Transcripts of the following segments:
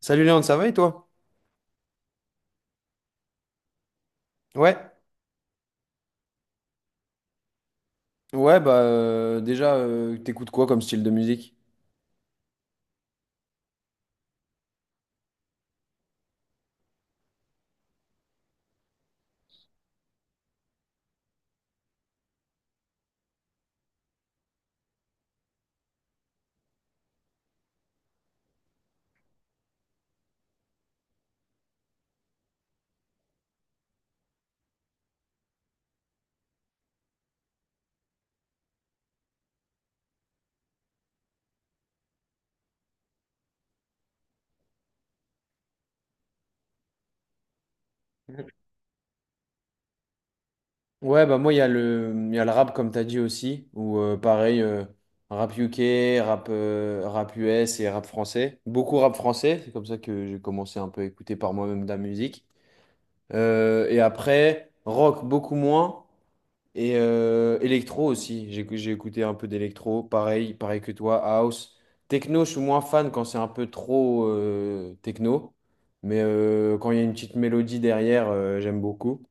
Salut Léon, ça va et toi? Ouais. Ouais, bah déjà, t'écoutes quoi comme style de musique? Ouais, bah moi, il y a le rap, comme t'as dit aussi, ou pareil, rap UK, rap, rap US et rap français. Beaucoup rap français, c'est comme ça que j'ai commencé un peu à écouter par moi-même de la musique. Et après, rock, beaucoup moins. Et électro aussi, j'ai écouté un peu d'électro, pareil, pareil que toi, house. Techno, je suis moins fan quand c'est un peu trop techno, mais quand il y a une petite mélodie derrière, j'aime beaucoup.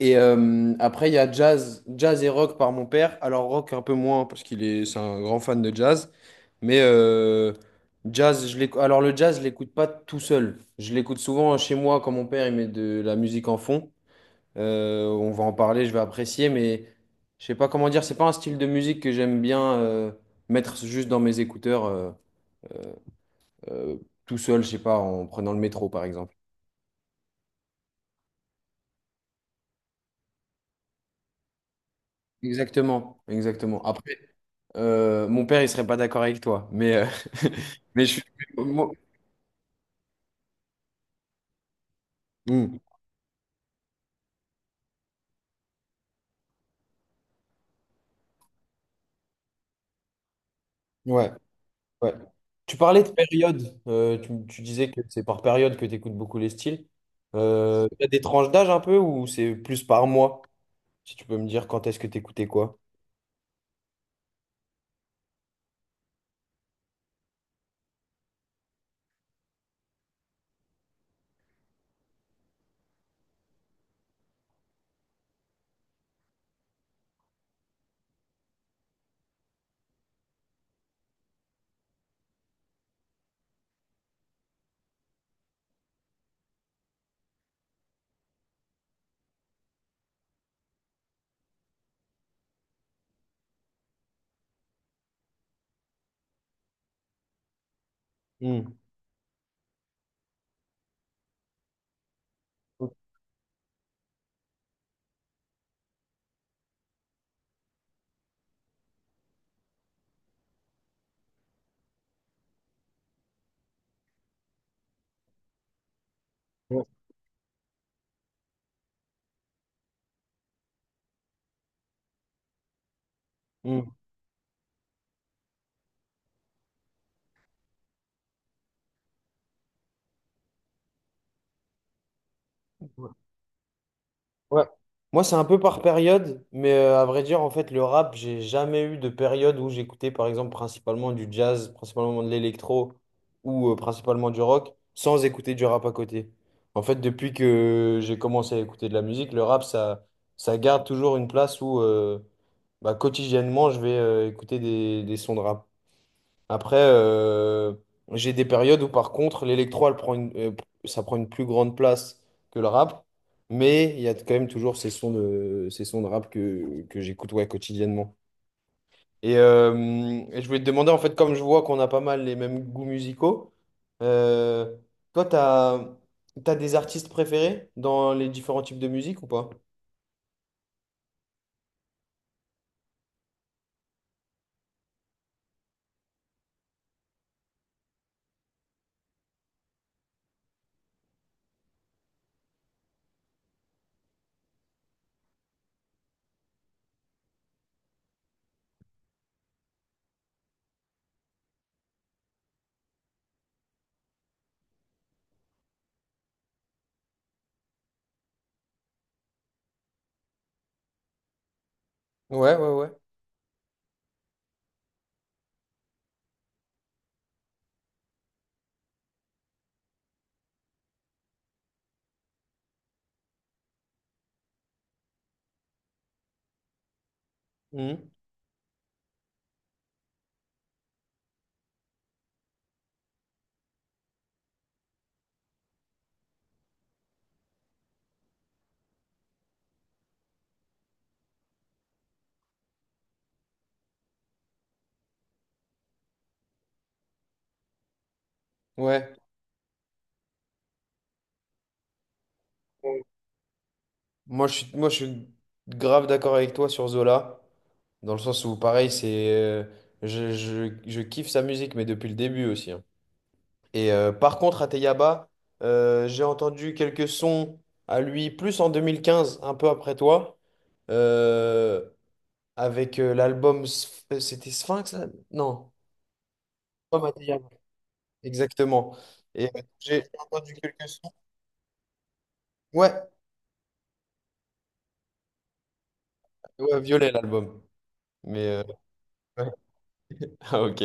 Et après, il y a jazz, jazz et rock par mon père. Alors rock un peu moins parce c'est un grand fan de jazz, mais Alors le jazz, je l'écoute pas tout seul. Je l'écoute souvent chez moi quand mon père il met de la musique en fond. On va en parler, je vais apprécier, mais je sais pas comment dire, c'est pas un style de musique que j'aime bien mettre juste dans mes écouteurs euh, tout seul, je sais pas, en prenant le métro par exemple. Exactement, exactement. Après, mon père, il serait pas d'accord avec toi, mais mais je suis. moi- Hmm. Ouais, ouais. Tu parlais de période. Tu disais que c'est par période que tu écoutes beaucoup les styles. T'as des tranches d'âge un peu ou c'est plus par mois? Si tu peux me dire quand est-ce que tu écoutais quoi? Hmm. Mm. Ouais. Moi, c'est un peu par période, mais à vrai dire, en fait, le rap, j'ai jamais eu de période où j'écoutais, par exemple, principalement du jazz, principalement de l'électro ou principalement du rock, sans écouter du rap à côté. En fait, depuis que j'ai commencé à écouter de la musique, le rap, ça garde toujours une place où, bah, quotidiennement, je vais écouter des sons de rap. Après, j'ai des périodes où par contre l'électro, ça prend une plus grande place que le rap, mais il y a quand même toujours ces sons de rap que j'écoute ouais, quotidiennement. Et, euh, et je voulais te demander, en fait, comme je vois qu'on a pas mal les mêmes goûts musicaux, euh, toi, t'as, t'as des artistes préférés dans les différents types de musique ou pas? Ouais, ouais, ouais. Mhm. Ouais. Moi, je suis grave d'accord avec toi sur Zola, dans le sens où, pareil, c'est, je kiffe sa musique, mais depuis le début aussi, hein. Et par contre, à Teyaba, j'ai entendu quelques sons à lui, plus en 2015, un peu après toi, euh, avec c'était Sphinx, là? Non. L'album à Teyaba. Exactement. Et j'ai entendu quelques sons. Ouais, ouais, Violet, l'album. Mais, ouais. Ah, ok.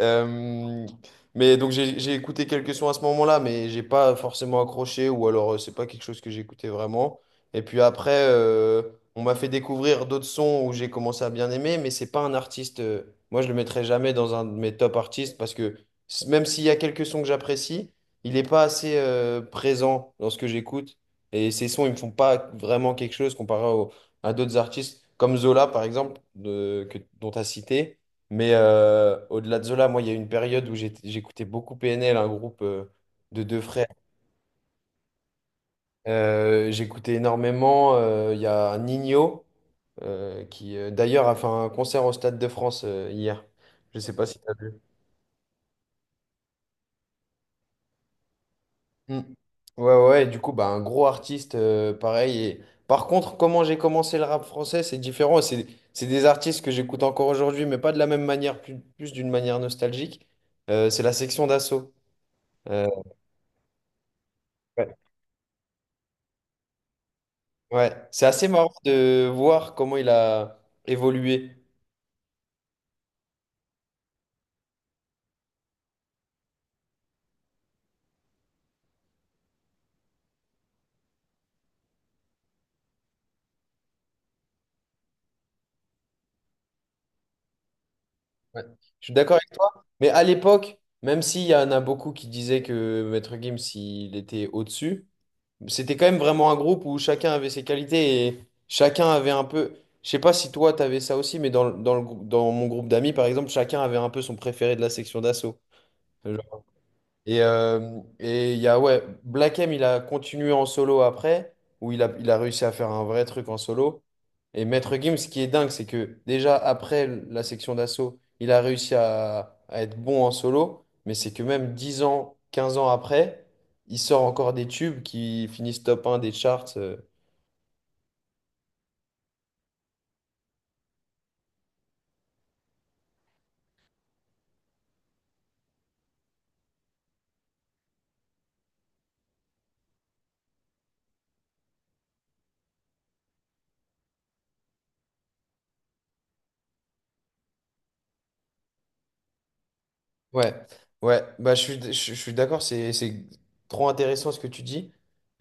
Euh, mais donc j'ai écouté quelques sons à ce moment-là, mais j'ai pas forcément accroché ou alors c'est pas quelque chose que j'écoutais vraiment. Et puis après, on m'a fait découvrir d'autres sons où j'ai commencé à bien aimer, mais c'est pas un artiste. Moi, je le mettrai jamais dans un de mes top artistes parce que même s'il y a quelques sons que j'apprécie, il est pas assez présent dans ce que j'écoute. Et ces sons, ils me font pas vraiment quelque chose à d'autres artistes comme Zola par exemple dont tu as cité. Mais au-delà de Zola, moi, il y a eu une période où j'écoutais beaucoup PNL, un groupe de deux frères. J'écoutais énormément. Il y a Nino d'ailleurs, a fait un concert au Stade de France hier. Je ne sais pas si tu as vu. Mm. Ouais, ouais, et du coup, bah, un gros artiste, pareil. Et... Par contre, comment j'ai commencé le rap français, c'est différent. C'est des artistes que j'écoute encore aujourd'hui, mais pas de la même manière, plus d'une manière nostalgique. C'est la section d'assaut. Ouais, c'est assez marrant de voir comment il a évolué. Ouais. Je suis d'accord avec toi. Mais à l'époque, même s'il y en a beaucoup qui disaient que Maître Gims, il était au-dessus, c'était quand même vraiment un groupe où chacun avait ses qualités et chacun avait un peu. Je sais pas si toi, t'avais ça aussi, mais dans mon groupe d'amis, par exemple, chacun avait un peu son préféré de la section d'assaut. Et il y a, ouais, Black M, il a continué en solo après, où il a réussi à faire un vrai truc en solo. Et Maître Gims, ce qui est dingue, c'est que déjà après la section d'assaut, il a réussi à être bon en solo, mais c'est que même 10 ans, 15 ans après, il sort encore des tubes qui finissent top un des charts. Ouais, je suis d'accord, c'est trop intéressant ce que tu dis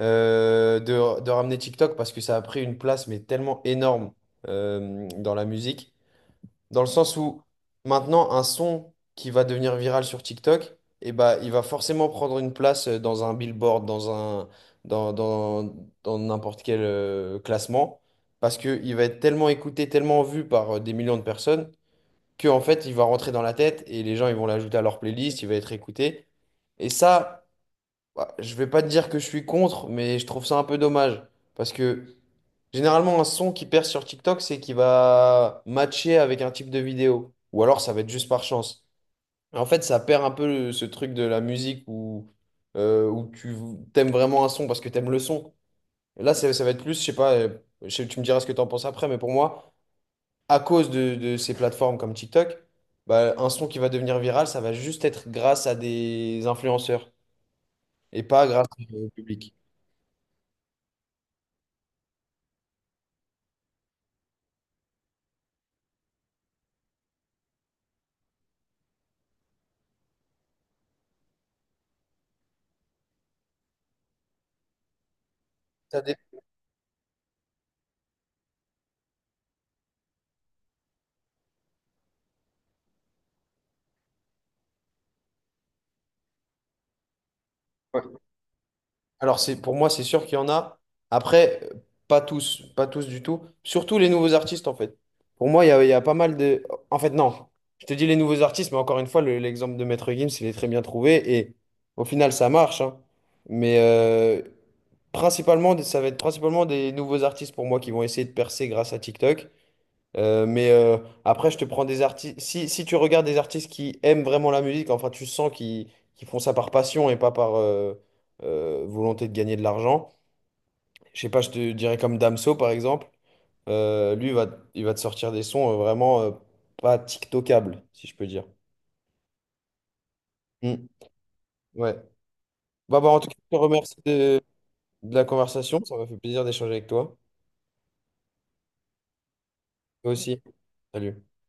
de ramener TikTok parce que ça a pris une place mais tellement énorme dans la musique, dans le sens où maintenant un son qui va devenir viral sur TikTok, bah, il va forcément prendre une place dans un billboard, dans un, dans, dans, dans n'importe quel classement, parce qu'il va être tellement écouté, tellement vu par des millions de personnes que en fait il va rentrer dans la tête et les gens ils vont l'ajouter à leur playlist, il va être écouté. Et ça, bah, je vais pas te dire que je suis contre, mais je trouve ça un peu dommage parce que généralement un son qui perce sur TikTok, c'est qu'il va matcher avec un type de vidéo ou alors ça va être juste par chance. En fait, ça perd un peu ce truc de la musique où tu t'aimes vraiment un son parce que t'aimes le son. Et là, ça va être plus, je sais pas, tu me diras ce que t'en penses après, mais pour moi à cause de ces plateformes comme TikTok, bah, un son qui va devenir viral, ça va juste être grâce à des influenceurs et pas grâce au public. Ça dé- ouais. Alors c'est pour moi, c'est sûr qu'il y en a. Après, pas tous, pas tous du tout. Surtout les nouveaux artistes, en fait. Pour moi, il y a pas mal de... En fait, non. Je te dis les nouveaux artistes, mais encore une fois, l'exemple de Maître Gims, il est très bien trouvé. Et au final, ça marche, hein. Mais principalement, ça va être principalement des nouveaux artistes pour moi qui vont essayer de percer grâce à TikTok. Euh, mais euh, après, je te prends des artistes. Si tu regardes des artistes qui aiment vraiment la musique, enfin, tu sens qu'ils font ça par passion et pas par volonté de gagner de l'argent. Je sais pas, je te dirais comme Damso, par exemple. Euh, lui, il va, il va te sortir des sons vraiment pas TikTokables, si je peux dire. Mm. Ouais. En tout cas, je te remercie de la conversation. Ça m'a fait plaisir d'échanger avec toi. Toi aussi. Salut.